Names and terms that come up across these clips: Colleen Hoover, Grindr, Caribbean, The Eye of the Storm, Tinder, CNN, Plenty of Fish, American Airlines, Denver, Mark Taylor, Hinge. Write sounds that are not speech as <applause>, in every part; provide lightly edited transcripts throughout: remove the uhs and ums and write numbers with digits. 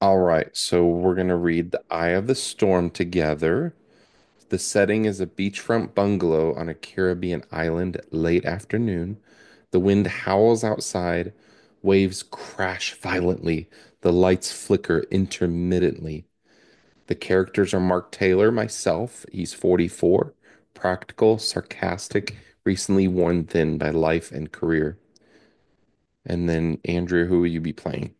All right, so we're going to read The Eye of the Storm together. The setting is a beachfront bungalow on a Caribbean island late afternoon. The wind howls outside, waves crash violently, the lights flicker intermittently. The characters are Mark Taylor, myself, he's 44, practical, sarcastic, recently worn thin by life and career. And then Andrea, who will you be playing?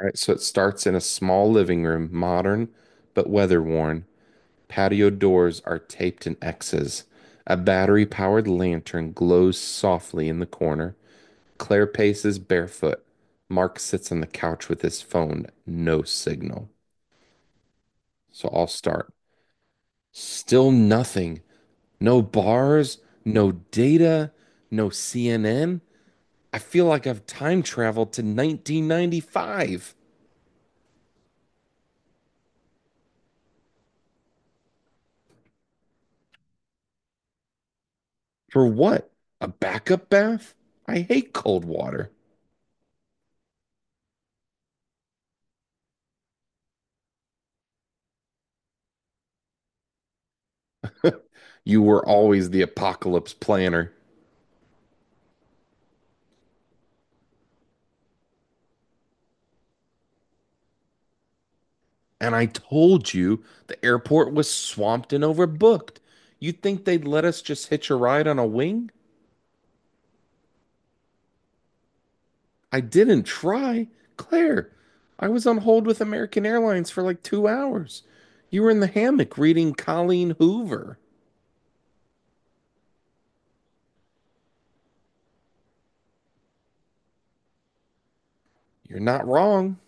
Right, so it starts in a small living room, modern but weather worn. Patio doors are taped in X's. A battery powered lantern glows softly in the corner. Claire paces barefoot. Mark sits on the couch with his phone. No signal. So I'll start. Still nothing. No bars, no data, no CNN. I feel like I've time traveled to 1995. For what? A backup bath? I hate cold water. You were always the apocalypse planner. And I told you the airport was swamped and overbooked. You think they'd let us just hitch a ride on a wing? I didn't try. Claire, I was on hold with American Airlines for like 2 hours. You were in the hammock reading Colleen Hoover. You're not wrong.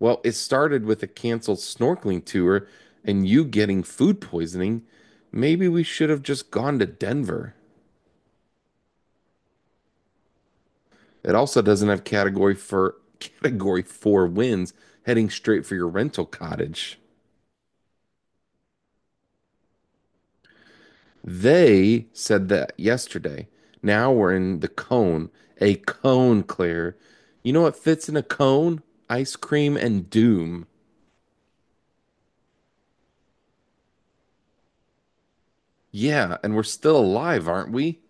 Well, it started with a canceled snorkeling tour and you getting food poisoning. Maybe we should have just gone to Denver. It also doesn't have category for <laughs> category four winds heading straight for your rental cottage. They said that yesterday. Now we're in the cone. A cone, Claire. You know what fits in a cone? Ice cream and doom. Yeah, and we're still alive, aren't we?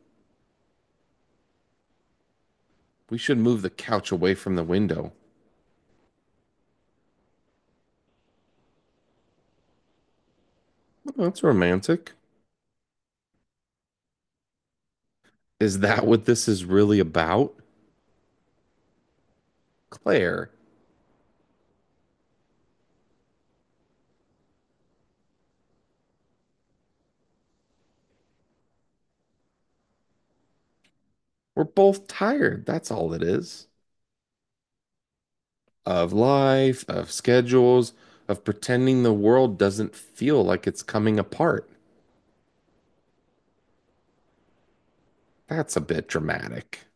We should move the couch away from the window. Well, that's romantic. Is that what this is really about? Claire, we're both tired. That's all it is. Of life, of schedules, of pretending the world doesn't feel like it's coming apart. That's a bit dramatic.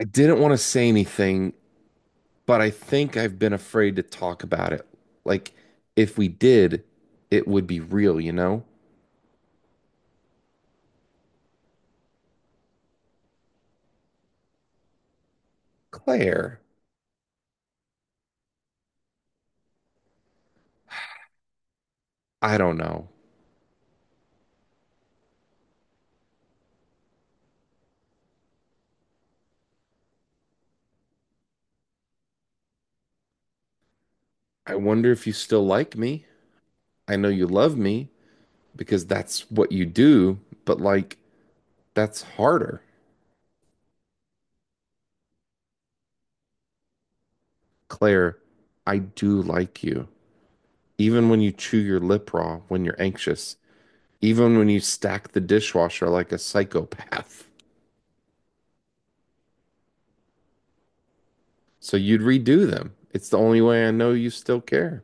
I didn't want to say anything, but I think I've been afraid to talk about it. Like, if we did, it would be real, you know? Claire, I don't know. I wonder if you still like me. I know you love me because that's what you do, but like, that's harder. Claire, I do like you. Even when you chew your lip raw when you're anxious, even when you stack the dishwasher like a psychopath. <laughs> So you'd redo them. It's the only way I know you still care.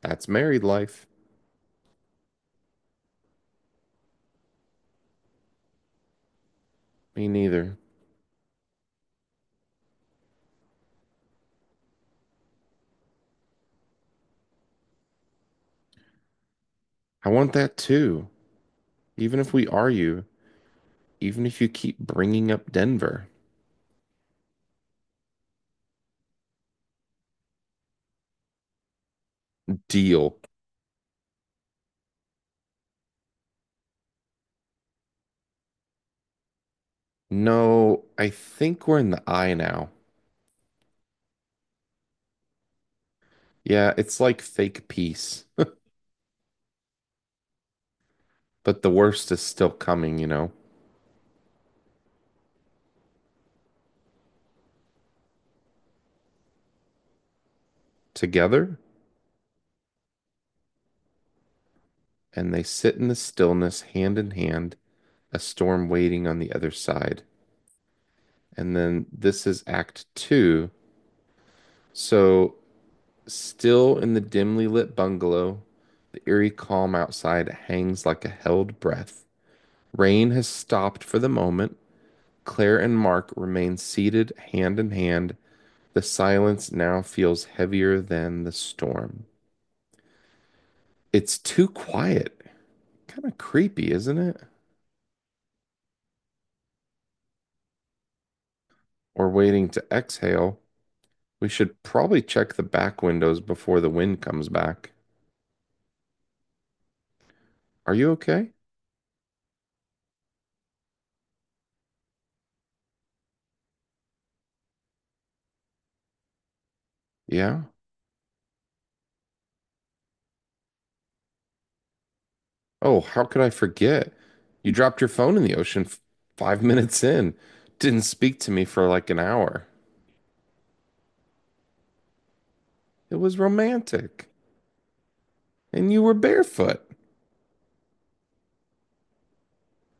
That's married life. Me neither. I want that too. Even if we are you, even if you keep bringing up Denver. Deal. No, I think we're in the eye now. Yeah, it's like fake peace, but the worst is still coming, you know. Together? And they sit in the stillness, hand in hand, a storm waiting on the other side. And then this is Act Two. So, still in the dimly lit bungalow, the eerie calm outside hangs like a held breath. Rain has stopped for the moment. Claire and Mark remain seated hand in hand. The silence now feels heavier than the storm. It's too quiet. Kind of creepy, isn't it? Or waiting to exhale. We should probably check the back windows before the wind comes back. Are you okay? Yeah. Oh, how could I forget? You dropped your phone in the ocean 5 minutes in. Didn't speak to me for like an hour. It was romantic. And you were barefoot.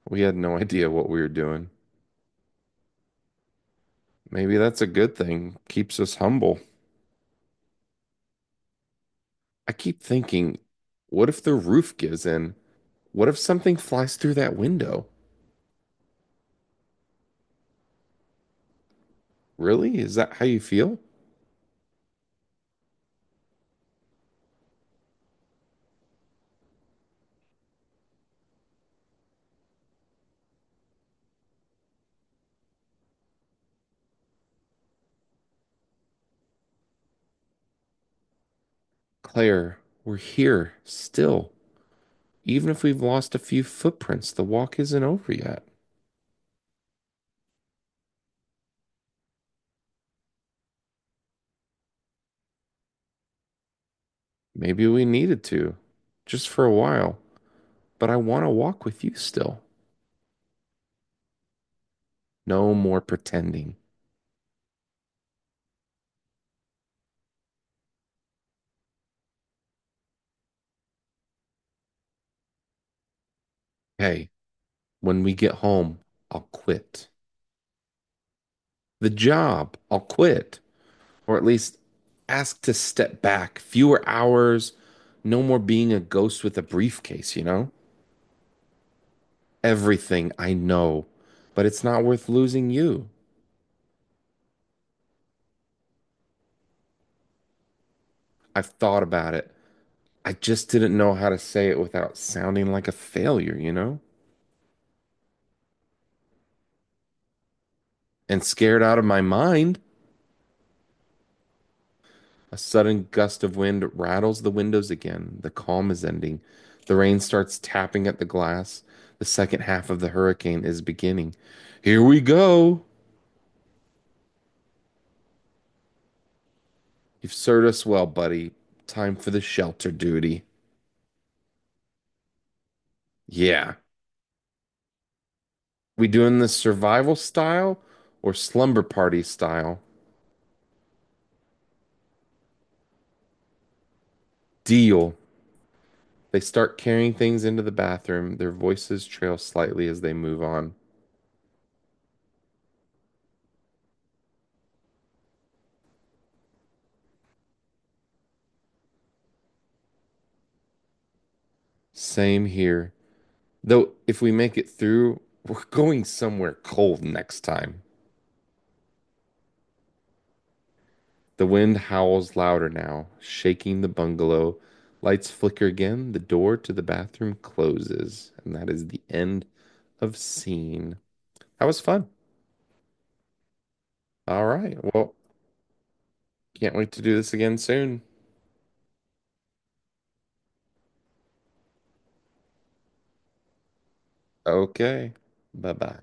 We had no idea what we were doing. Maybe that's a good thing. Keeps us humble. I keep thinking, what if the roof gives in? What if something flies through that window? Really? Is that how you feel? Claire, we're here still. Even if we've lost a few footprints, the walk isn't over yet. Maybe we needed to, just for a while, but I want to walk with you still. No more pretending. Hey, when we get home, I'll quit. The job, I'll quit. Or at least ask to step back. Fewer hours, no more being a ghost with a briefcase, you know? Everything I know, but it's not worth losing you. I've thought about it. I just didn't know how to say it without sounding like a failure, you know? And scared out of my mind, a sudden gust of wind rattles the windows again. The calm is ending. The rain starts tapping at the glass. The second half of the hurricane is beginning. Here we go. You've served us well, buddy. Time for the shelter duty. Yeah. We doing this survival style or slumber party style? Deal. They start carrying things into the bathroom. Their voices trail slightly as they move on. Same here. Though, if we make it through, we're going somewhere cold next time. The wind howls louder now, shaking the bungalow. Lights flicker again. The door to the bathroom closes. And that is the end of scene. That was fun. All right. Well, can't wait to do this again soon. Okay. Bye bye.